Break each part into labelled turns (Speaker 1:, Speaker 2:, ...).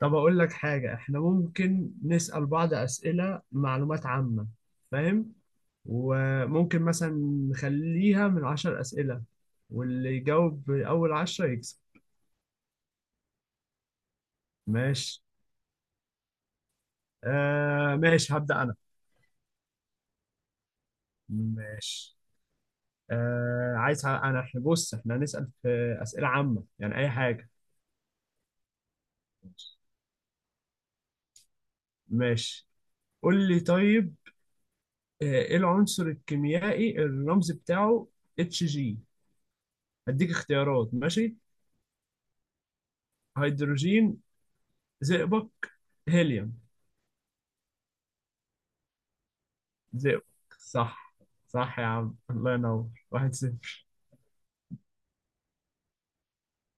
Speaker 1: طب أقول لك حاجة، إحنا ممكن نسأل بعض أسئلة معلومات عامة. فاهم؟ وممكن مثلا نخليها من 10 أسئلة، واللي يجاوب أول 10 يكسب. ماشي. ماشي، هبدأ أنا. ماشي. عايز إحنا بص، إحنا هنسأل في أسئلة عامة، يعني أي حاجة. ماشي. قول لي طيب. إيه العنصر الكيميائي الرمز بتاعه اتش جي؟ هديك اختيارات، ماشي. هيدروجين، زئبق، هيليوم. زئبق. صح. صح يا عم، الله ينور. 1-0.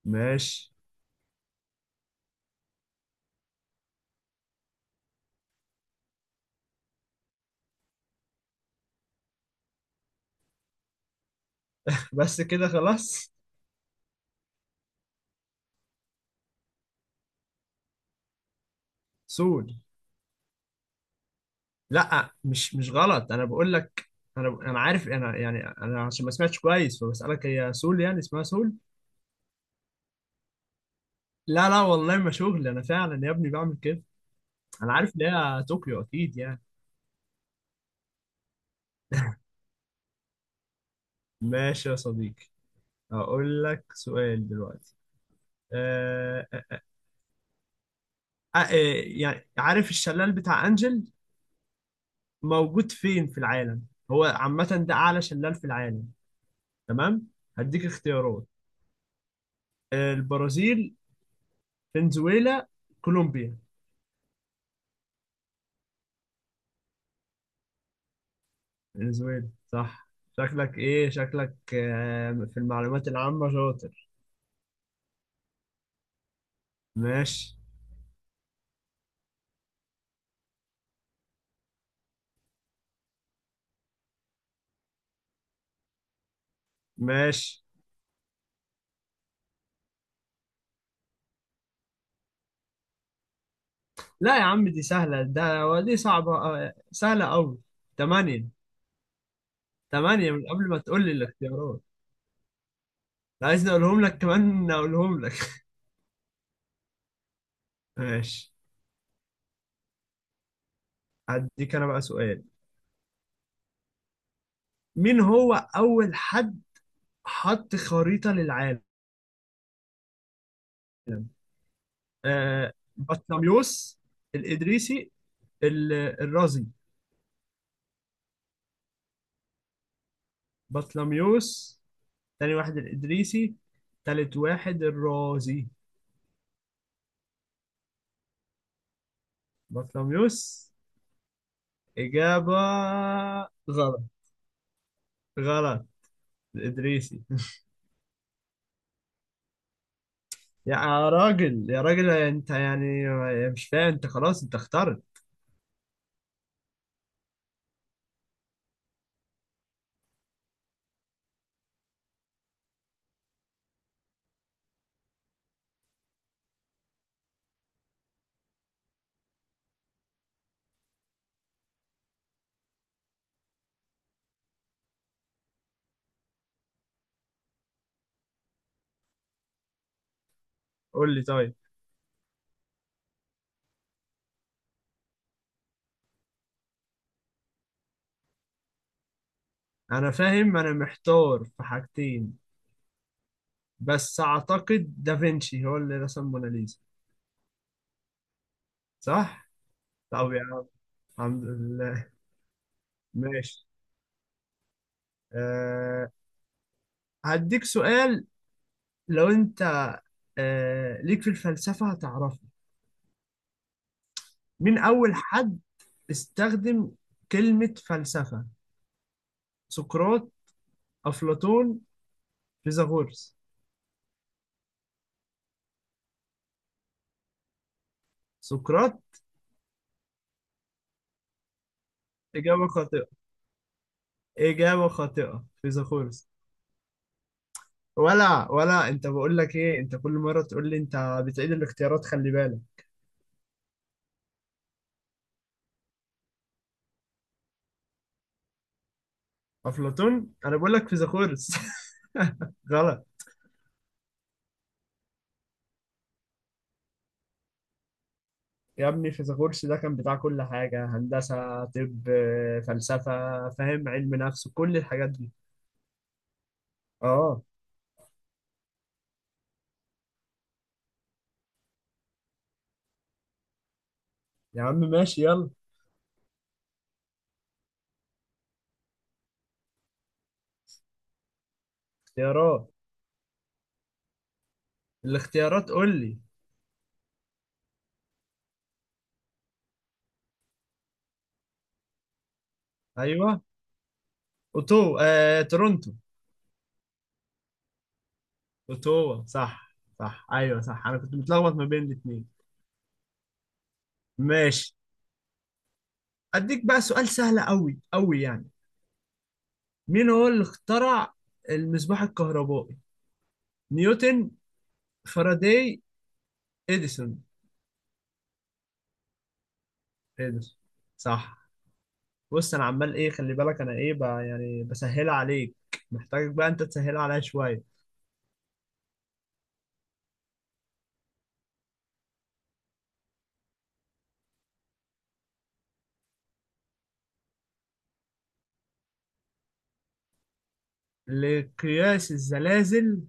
Speaker 1: ماشي. بس كده خلاص. سود. لا، مش غلط، انا بقول لك. انا عارف، انا يعني انا عشان ما سمعتش كويس فبسألك، هي سول يعني اسمها سول؟ لا لا، والله ما شغل، انا فعلا يا ابني بعمل كده. انا عارف ان هي طوكيو اكيد يعني. ماشي يا صديقي. اقول لك سؤال دلوقتي. أه أه آه، يعني عارف الشلال بتاع انجل موجود فين في العالم؟ هو عامة ده أعلى شلال في العالم. تمام، هديك اختيارات. البرازيل، فنزويلا، كولومبيا. فنزويلا. صح. شكلك إيه، شكلك آه، في المعلومات العامة شاطر. ماشي. ماشي. لا يا عم دي سهلة ده، دي صعبة، سهلة أوي. تمانية. تمانية من قبل ما تقول لي الاختيارات. لا، عايز أقولهم لك، كمان أقولهم لك. ماشي. هديك أنا بقى سؤال. مين هو أول حد حط خريطة للعالم؟ بطليموس، الإدريسي، ال- الرازي. بطليموس. تاني واحد الإدريسي، تالت واحد الرازي. بطليموس إجابة. غلط، غلط. الإدريسي. يا راجل، يا راجل أنت يعني مش فاهم؟ أنت خلاص أنت اخترت. قول لي طيب. أنا فاهم، أنا محتار في حاجتين، بس أعتقد دافنشي هو اللي رسم موناليزا. صح؟ طب يا، الحمد لله. ماشي. أه. هديك سؤال. لو انت أه ليك في الفلسفة هتعرفه. مين أول حد استخدم كلمة فلسفة؟ سقراط، أفلاطون، فيثاغورس. سقراط. إجابة خاطئة، إجابة خاطئة، فيثاغورس. ولا أنت بقول لك إيه، أنت كل مرة تقول لي أنت بتعيد الاختيارات، خلي بالك. أفلاطون؟ أنا بقول لك فيثاغورس. غلط. يا ابني فيثاغورس ده كان بتاع كل حاجة، هندسة، طب، فلسفة، فاهم، علم نفس، كل الحاجات دي. اه. يا عم ماشي، يلا. اختيارات. الاختيارات قول لي. ايوه. اوتو آه، تورونتو. اوتوا صح، صح، ايوه صح، انا كنت متلخبط ما بين الاثنين. ماشي. اديك بقى سؤال سهل قوي قوي يعني. مين هو اللي اخترع المصباح الكهربائي؟ نيوتن، فاراداي، اديسون. اديسون. صح. بص انا عمال ايه، خلي بالك انا ايه بقى، يعني بسهلها عليك، محتاجك بقى انت تسهلها عليا شويه. لقياس الزلازل.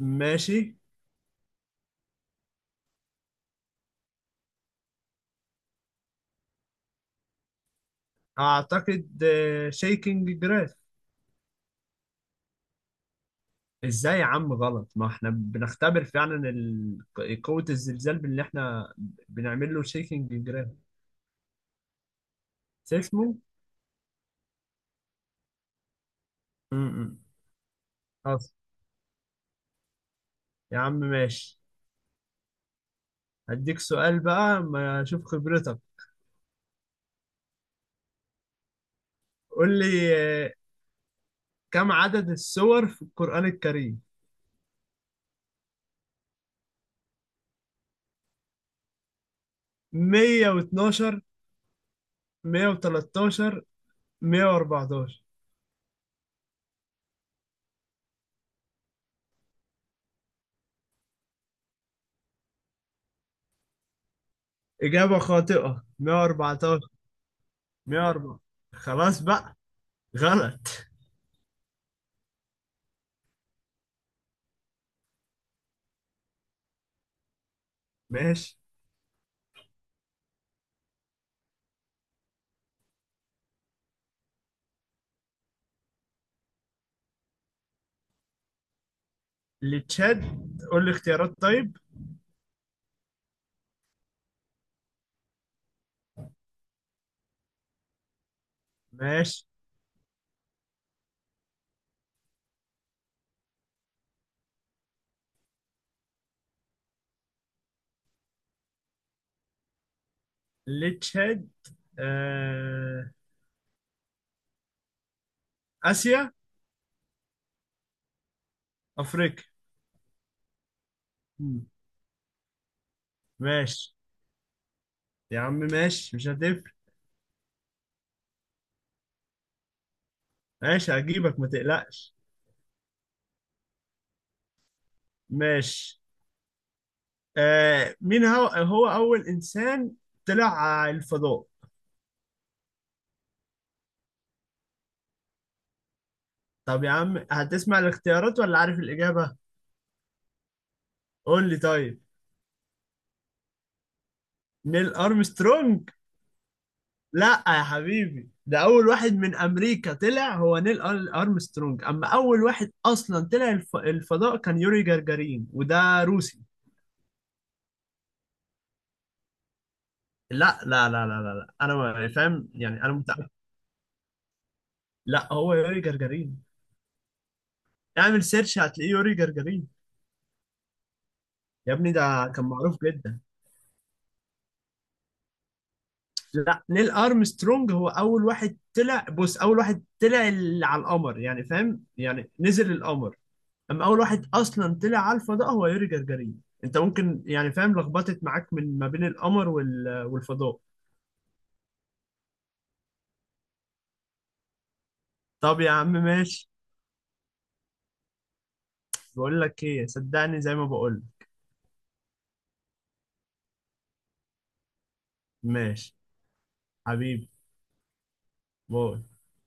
Speaker 1: ماشي. اعتقد شيكنج جراف. ازاي يا عم غلط، ما احنا بنختبر فعلا قوه الزلزال، باللي احنا بنعمل له شيكنج جراف. اسمه امم خلاص يا عم ماشي. هديك سؤال بقى ما اشوف خبرتك. قول لي. آه، كم عدد السور في القرآن الكريم؟ 112، 113، 114. إجابة خاطئة. 114. 104. خلاص بقى. غلط. ماشي. لتشاد. قول لي اختيارات طيب. ماشي. لتشاد. آه... آسيا. أفريقيا. مم. ماشي يا عم ماشي مش هتفرق. ماشي هجيبك ما تقلقش. ماشي. مين هو أول إنسان طلع على الفضاء؟ طب يا عم هتسمع الاختيارات ولا عارف الإجابة؟ قول لي طيب. نيل ارمسترونج. لا يا حبيبي، ده اول واحد من امريكا طلع هو نيل ارمسترونج، اما اول واحد اصلا طلع الفضاء كان يوري جagarin، وده روسي. لا لا لا لا لا، لا. انا ما يعني، فاهم يعني انا متأكد. لا هو يوري جagarin. اعمل سيرش هتلاقيه يوري جagarin. يا ابني ده كان معروف جدا. لا، نيل ارمسترونج هو اول واحد طلع، بص، اول واحد طلع على القمر، يعني فاهم، يعني نزل القمر. اما اول واحد اصلا طلع الفا ده هو يوري جرجرين. انت ممكن يعني فاهم لخبطت معاك من ما بين القمر والفضاء. طب يا عم ماشي. بقول لك ايه، صدقني زي ما بقول. ماشي حبيبي. باي.